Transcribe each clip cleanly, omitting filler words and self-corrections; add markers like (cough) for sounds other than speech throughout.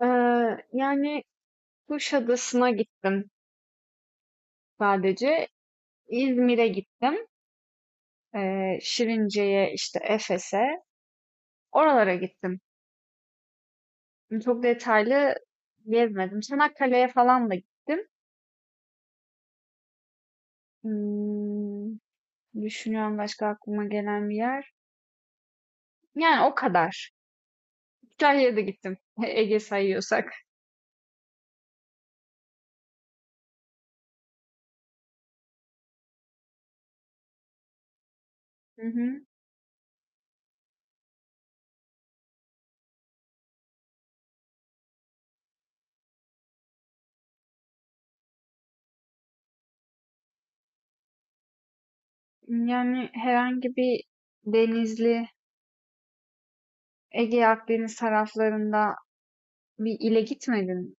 Yani Kuşadası'na gittim sadece. İzmir'e gittim. Şirince'ye, işte Efes'e. Oralara gittim. Çok detaylı gezmedim. Çanakkale'ye falan da gittim. Hmm, düşünüyorum başka aklıma gelen bir yer. Yani o kadar. Kütahya'ya da gittim. (laughs) Ege sayıyorsak. Hı hı. Yani herhangi bir denizli, Ege Akdeniz taraflarında bir ile gitmedin.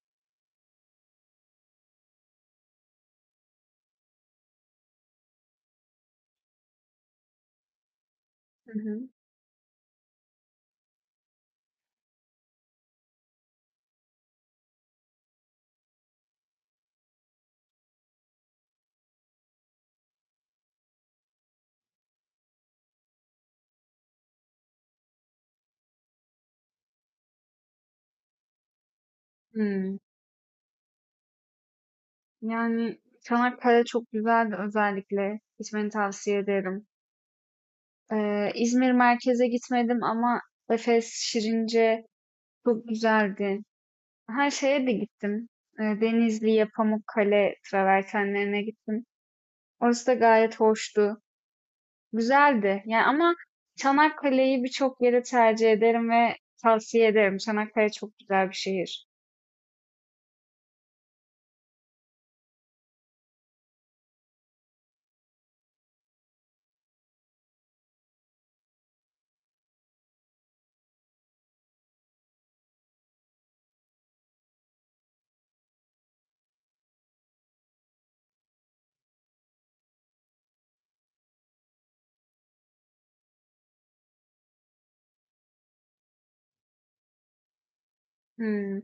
Hı hı. Hmm. Yani Çanakkale çok güzeldi özellikle. Gitmeni tavsiye ederim. İzmir merkeze gitmedim ama Efes, Şirince çok güzeldi. Her şeye de gittim. Denizli'ye, Pamukkale travertenlerine gittim. Orası da gayet hoştu. Güzeldi. Yani ama Çanakkale'yi birçok yere tercih ederim ve tavsiye ederim. Çanakkale çok güzel bir şehir. Hmm.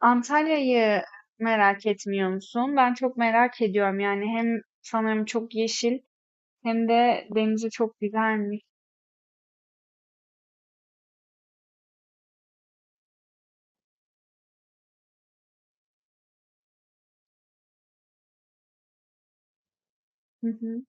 Antalya'yı merak etmiyor musun? Ben çok merak ediyorum. Yani hem sanırım çok yeşil hem de denizi çok güzelmiş. Hı hı,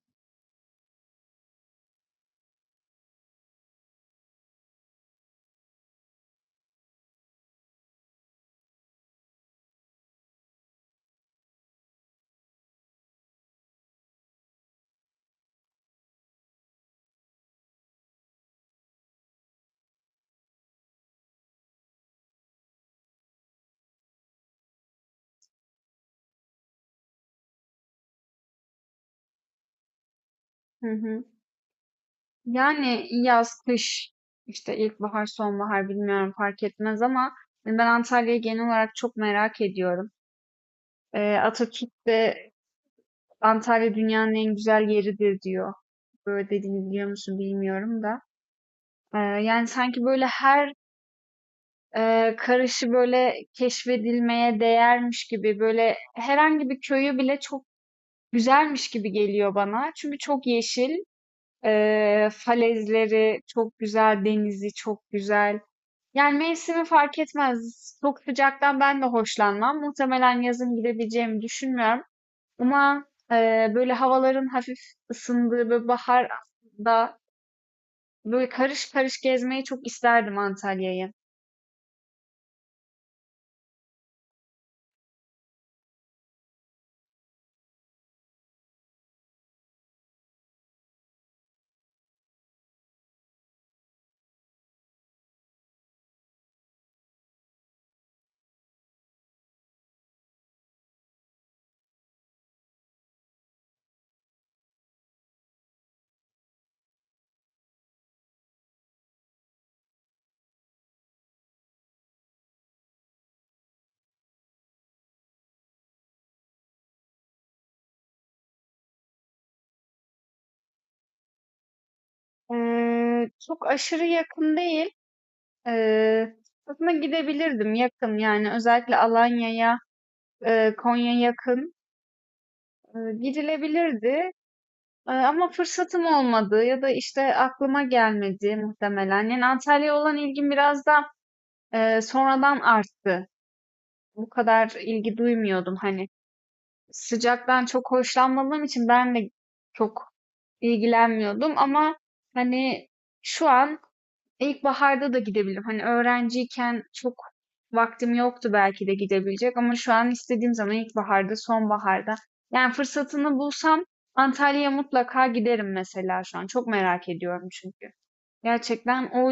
hı hı. Yani yaz, kış, işte ilkbahar, sonbahar bilmiyorum fark etmez ama ben Antalya'yı genel olarak çok merak ediyorum. Atatürk de Antalya dünyanın en güzel yeridir diyor. Böyle dediğini biliyor musun bilmiyorum da. Ee, yani sanki böyle her karışı böyle keşfedilmeye değermiş gibi böyle herhangi bir köyü bile çok güzelmiş gibi geliyor bana. Çünkü çok yeşil, falezleri çok güzel, denizi çok güzel. Yani mevsimi fark etmez. Çok sıcaktan ben de hoşlanmam. Muhtemelen yazın gidebileceğimi düşünmüyorum. Ama böyle havaların hafif ısındığı böyle bahar da böyle karış karış gezmeyi çok isterdim Antalya'yı. Çok aşırı yakın değil. Eee, aslında gidebilirdim yakın yani özellikle Alanya'ya, Konya yakın, gidilebilirdi. Ama fırsatım olmadı ya da işte aklıma gelmedi muhtemelen. Yani Antalya'ya olan ilgim biraz da sonradan arttı. Bu kadar ilgi duymuyordum, hani sıcaktan çok hoşlanmadığım için ben de çok ilgilenmiyordum ama hani şu an İlkbaharda da gidebilirim. Hani öğrenciyken çok vaktim yoktu belki de gidebilecek ama şu an istediğim zaman ilkbaharda, sonbaharda. Yani fırsatını bulsam Antalya'ya mutlaka giderim mesela şu an. Çok merak ediyorum çünkü. Gerçekten o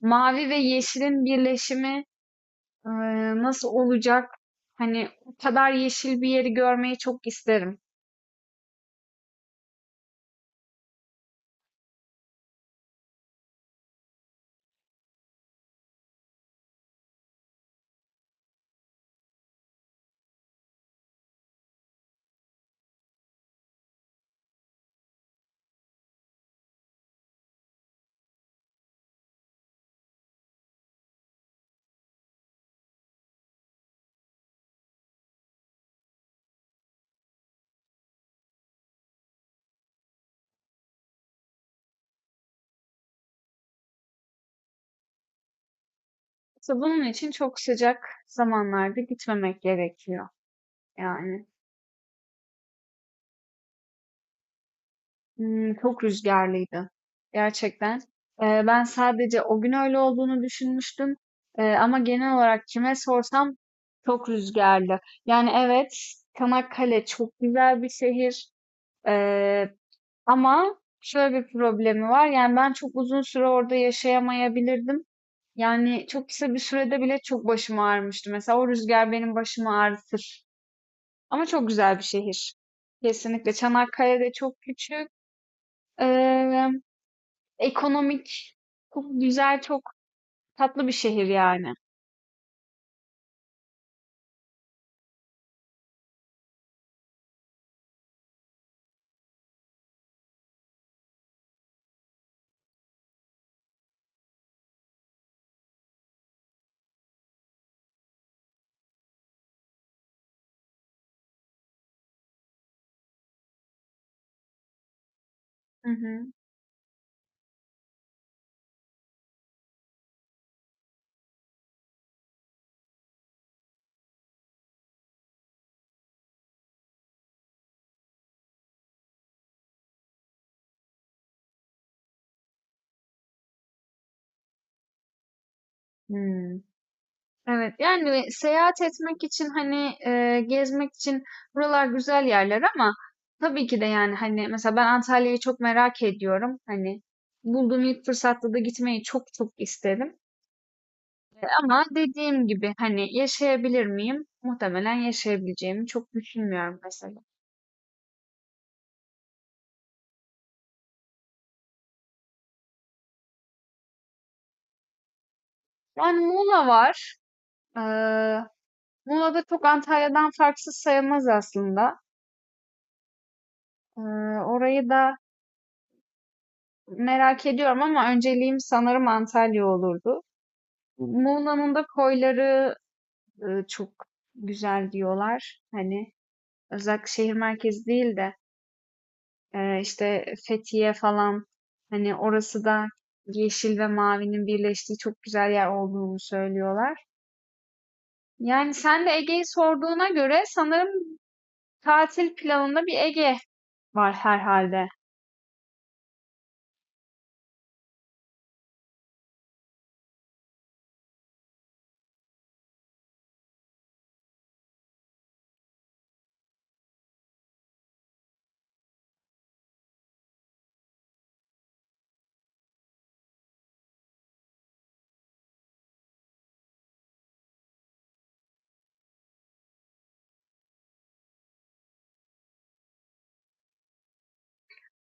mavi ve yeşilin birleşimi e, nasıl olacak? Hani o kadar yeşil bir yeri görmeyi çok isterim. İşte bunun için çok sıcak zamanlarda gitmemek gerekiyor yani. Çok rüzgarlıydı gerçekten. Ben sadece o gün öyle olduğunu düşünmüştüm, ama genel olarak kime sorsam çok rüzgarlı. Yani evet, Çanakkale çok güzel bir şehir, eee, ama şöyle bir problemi var, yani ben çok uzun süre orada yaşayamayabilirdim. Yani çok kısa bir sürede bile çok başım ağrımıştı. Mesela o rüzgar benim başımı ağrıtır ama çok güzel bir şehir. Kesinlikle. Çanakkale de çok küçük. Eee Ekonomik, çok güzel, çok tatlı bir şehir yani. Hı hı. Hmm. Evet, yani seyahat etmek için hani gezmek için buralar güzel yerler ama tabii ki de, yani hani mesela ben Antalya'yı çok merak ediyorum. Hani bulduğum ilk fırsatta da gitmeyi çok çok isterim. Ama dediğim gibi hani yaşayabilir miyim? Muhtemelen yaşayabileceğimi çok düşünmüyorum mesela. Yani Muğla var. Ee, Muğla da çok Antalya'dan farksız sayılmaz aslında. Ee, orayı da merak ediyorum ama önceliğim sanırım Antalya olurdu. Muğla'nın da koyları çok güzel diyorlar. Hani özellikle şehir merkezi değil de, işte Fethiye falan, hani orası da yeşil ve mavinin birleştiği çok güzel yer olduğunu söylüyorlar. Yani sen de Ege'yi sorduğuna göre sanırım tatil planında bir Ege var herhalde.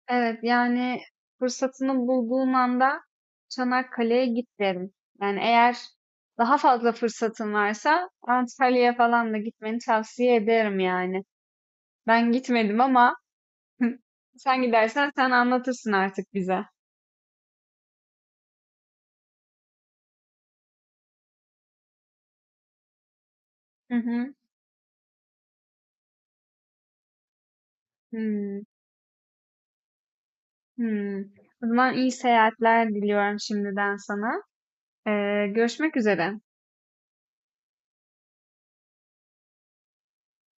Evet, yani fırsatını bulduğun anda Çanakkale'ye git derim. Yani eğer daha fazla fırsatın varsa Antalya'ya falan da gitmeni tavsiye ederim yani. Ben gitmedim ama (laughs) sen gidersen sen anlatırsın artık bize. Hı hı. Hmm, hmm. O zaman iyi seyahatler diliyorum şimdiden sana. Görüşmek üzere.